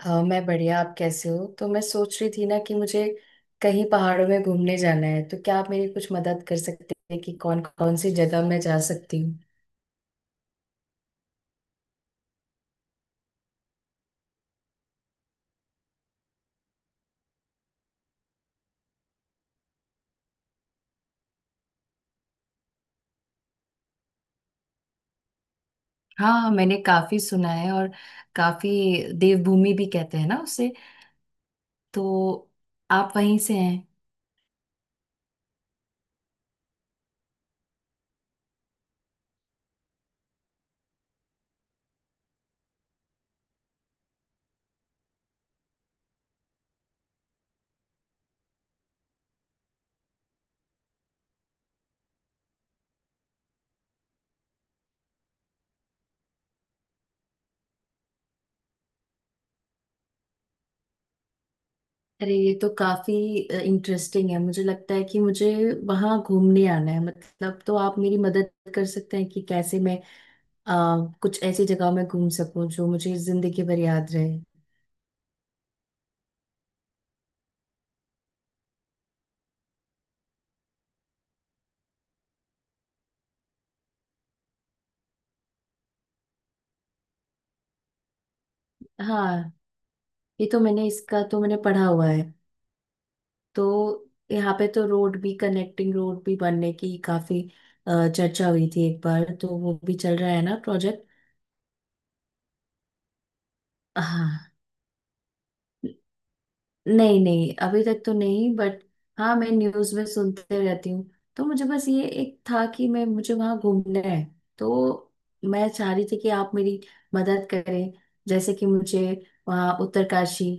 हाँ मैं बढ़िया। आप कैसे हो? तो मैं सोच रही थी ना कि मुझे कहीं पहाड़ों में घूमने जाना है। तो क्या आप मेरी कुछ मदद कर सकते हैं कि कौन कौन सी जगह मैं जा सकती हूँ? हाँ, मैंने काफी सुना है, और काफी, देवभूमि भी कहते हैं ना उसे। तो आप वहीं से हैं? अरे, ये तो काफी इंटरेस्टिंग है। मुझे लगता है कि मुझे वहां घूमने आना है। मतलब तो आप मेरी मदद कर सकते हैं कि कैसे मैं अ, कुछ ऐसी जगह में घूम सकूं जो मुझे जिंदगी भर याद रहे। हाँ ये तो मैंने, इसका तो मैंने पढ़ा हुआ है। तो यहाँ पे तो रोड भी, कनेक्टिंग रोड भी बनने की काफी चर्चा हुई थी एक बार। तो वो भी चल रहा है ना प्रोजेक्ट। हाँ, नहीं नहीं, अभी तक तो नहीं, बट हाँ, मैं न्यूज में सुनते रहती हूँ। तो मुझे बस ये एक था कि मैं मुझे वहां घूमना है। तो मैं चाह रही थी कि आप मेरी मदद करें। जैसे कि मुझे वहाँ उत्तरकाशी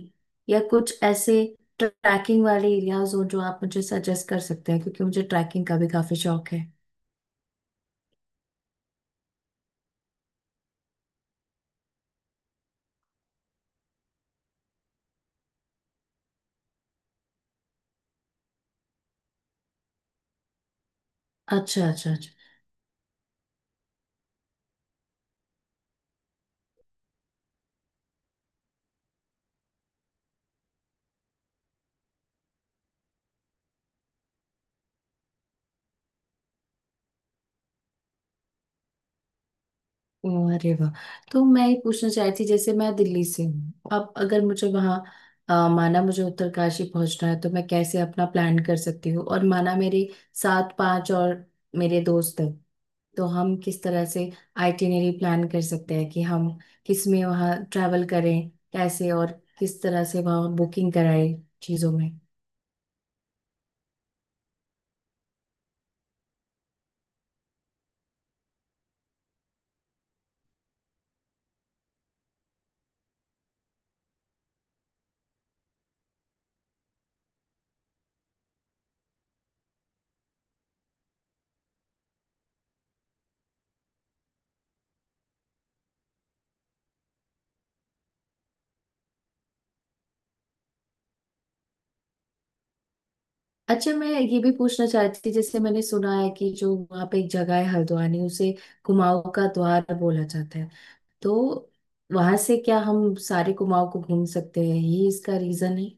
या कुछ ऐसे ट्रैकिंग वाले एरियाज हो जो आप मुझे सजेस्ट कर सकते हैं, क्योंकि मुझे ट्रैकिंग का भी काफी शौक है। अच्छा अच्छा अच्छा। ओह, अरे वाह। तो मैं ये पूछना चाहती थी, जैसे मैं दिल्ली से हूँ, अब अगर मुझे वहाँ माना मुझे उत्तरकाशी पहुंचना है, तो मैं कैसे अपना प्लान कर सकती हूँ? और माना मेरे सात पांच और मेरे दोस्त हैं, तो हम किस तरह से आइटिनरी प्लान कर सकते हैं कि हम किस में वहाँ ट्रैवल करें, कैसे, और किस तरह से वहाँ बुकिंग कराएं चीज़ों में। अच्छा, मैं ये भी पूछना चाहती थी, जैसे मैंने सुना है कि जो वहाँ पे एक जगह है हल्द्वानी, उसे कुमाऊँ का द्वार बोला जाता है। तो वहां से क्या हम सारे कुमाऊं को घूम सकते हैं, यही इसका रीजन है?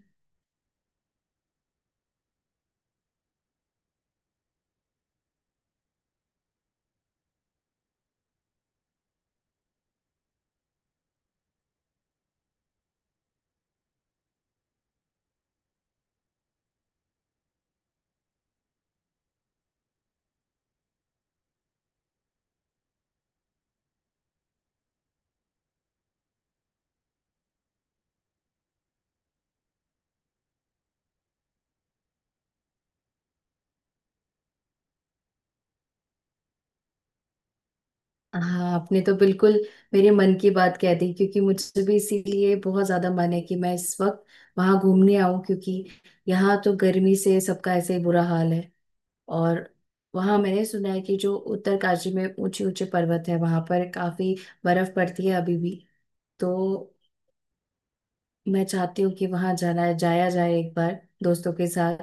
हाँ, आपने तो बिल्कुल मेरे मन की बात कह दी। क्योंकि मुझे भी इसीलिए बहुत ज्यादा मन है कि मैं इस वक्त वहां घूमने आऊं, क्योंकि यहाँ तो गर्मी से सबका ऐसे ही बुरा हाल है। और वहां मैंने सुना है कि जो उत्तरकाशी में ऊंचे ऊंचे पर्वत है वहां पर काफी बर्फ पड़ती है अभी भी। तो मैं चाहती हूँ कि वहां जाना, जाया जाए एक बार दोस्तों के साथ।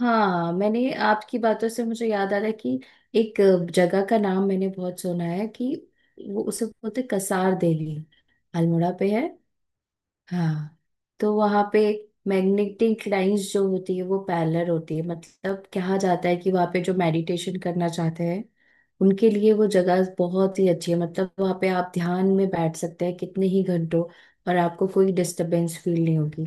हाँ, मैंने, आपकी बातों से मुझे याद आ रहा है कि एक जगह का नाम मैंने बहुत सुना है कि वो, उसे बोलते कसार देवी, अल्मोड़ा पे है। हाँ, तो वहां पे मैग्नेटिक लाइंस जो होती है वो पैरेलल होती है। मतलब कहा जाता है कि वहां पे जो मेडिटेशन करना चाहते हैं, उनके लिए वो जगह बहुत ही अच्छी है। मतलब वहां पे आप ध्यान में बैठ सकते हैं कितने ही घंटों, और आपको कोई डिस्टरबेंस फील नहीं होगी।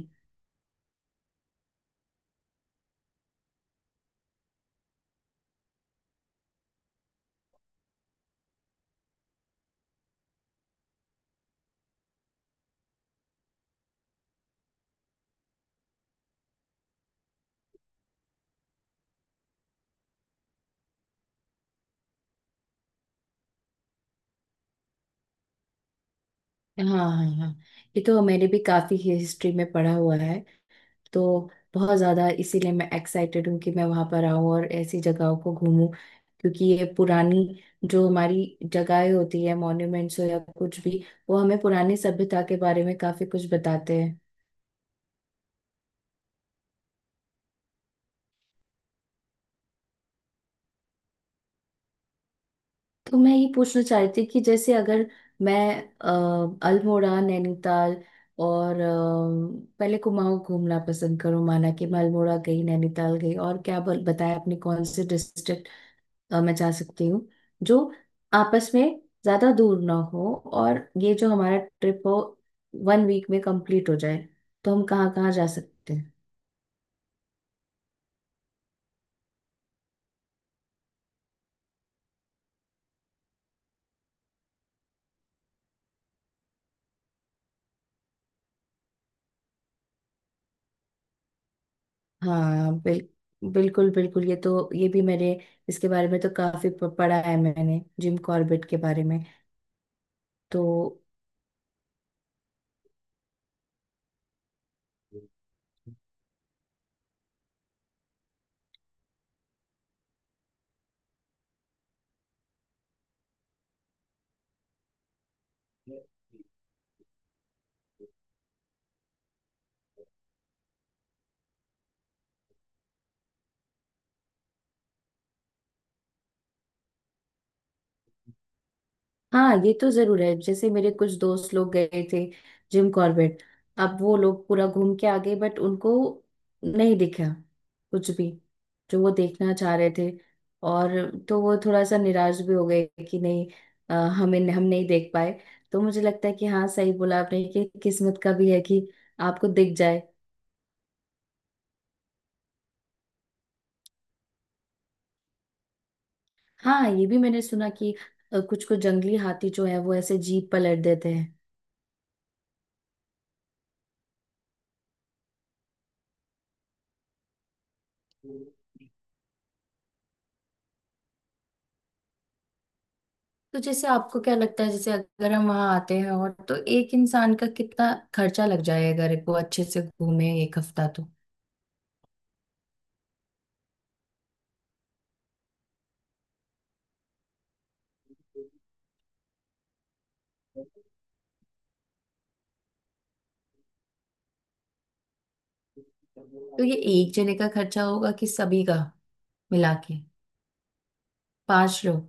हाँ। हाँ हाँ। ये तो मैंने भी काफी हिस्ट्री में पढ़ा हुआ है। तो बहुत ज़्यादा इसीलिए मैं एक्साइटेड हूँ कि मैं वहाँ पर आऊँ और ऐसी जगहों को घूमूं, क्योंकि ये पुरानी, जो हमारी जगहें होती है मॉन्यूमेंट्स हो या कुछ भी, वो हमें पुरानी सभ्यता के बारे में काफ़ी कुछ बताते हैं। तो मैं ये पूछना चाह रही थी कि जैसे अगर मैं अल्मोड़ा, नैनीताल, और पहले कुमाऊँ घूमना पसंद करूँ, माना कि मैं अल्मोड़ा गई, नैनीताल गई, और क्या बताया आपने कौन से डिस्ट्रिक्ट मैं जा सकती हूँ जो आपस में ज्यादा दूर ना हो, और ये जो हमारा ट्रिप हो वन वीक में कंप्लीट हो जाए, तो हम कहाँ कहाँ जा सकते हैं? हाँ बिल्कुल बिल्कुल, ये तो, ये भी मैंने, इसके बारे में तो काफी पढ़ा है मैंने, जिम कॉर्बेट के बारे में। तो हाँ, ये तो जरूर है। जैसे मेरे कुछ दोस्त लोग गए थे जिम कॉर्बेट, अब वो लोग पूरा घूम के आ गए बट उनको नहीं दिखा कुछ भी जो वो देखना चाह रहे थे। और तो वो थोड़ा सा निराश भी हो गए कि नहीं, अ, हमें हम नहीं देख पाए। तो मुझे लगता है कि हाँ, सही बोला आपने कि किस्मत का भी है कि आपको दिख जाए। हाँ, ये भी मैंने सुना कि कुछ कुछ जंगली हाथी जो है वो ऐसे जीप पलट देते हैं। तो जैसे आपको क्या लगता है, जैसे अगर हम वहां आते हैं, और तो एक इंसान का कितना खर्चा लग जाए अगर वो अच्छे से घूमे एक हफ्ता तो? तो ये एक जने का खर्चा होगा कि सभी का मिला के? पांच लोग।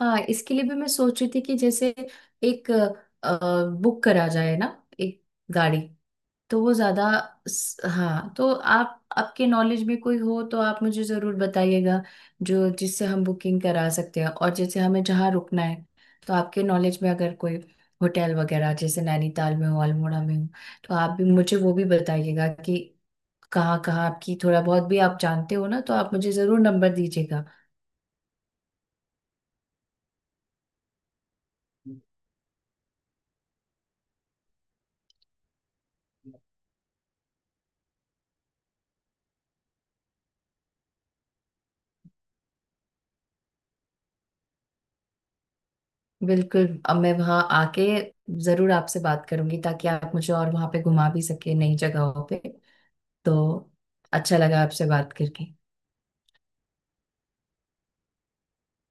हाँ, इसके लिए भी मैं सोच रही थी कि जैसे एक बुक करा जाए ना, एक गाड़ी। तो वो ज्यादा हाँ, तो आप, आपके नॉलेज में कोई हो तो आप मुझे जरूर बताइएगा जो, जिससे हम बुकिंग करा सकते हैं। और जैसे हमें जहाँ रुकना है, तो आपके नॉलेज में अगर कोई होटल वगैरह जैसे नैनीताल में हो, अल्मोड़ा में हो, तो आप भी मुझे वो भी बताइएगा कि कहाँ कहाँ आपकी, थोड़ा बहुत भी आप जानते हो ना, तो आप मुझे जरूर नंबर दीजिएगा। बिल्कुल, अब मैं वहाँ आके जरूर आपसे बात करूंगी ताकि आप मुझे और वहाँ पे घुमा भी सके नई जगहों पे। तो अच्छा लगा आपसे बात करके।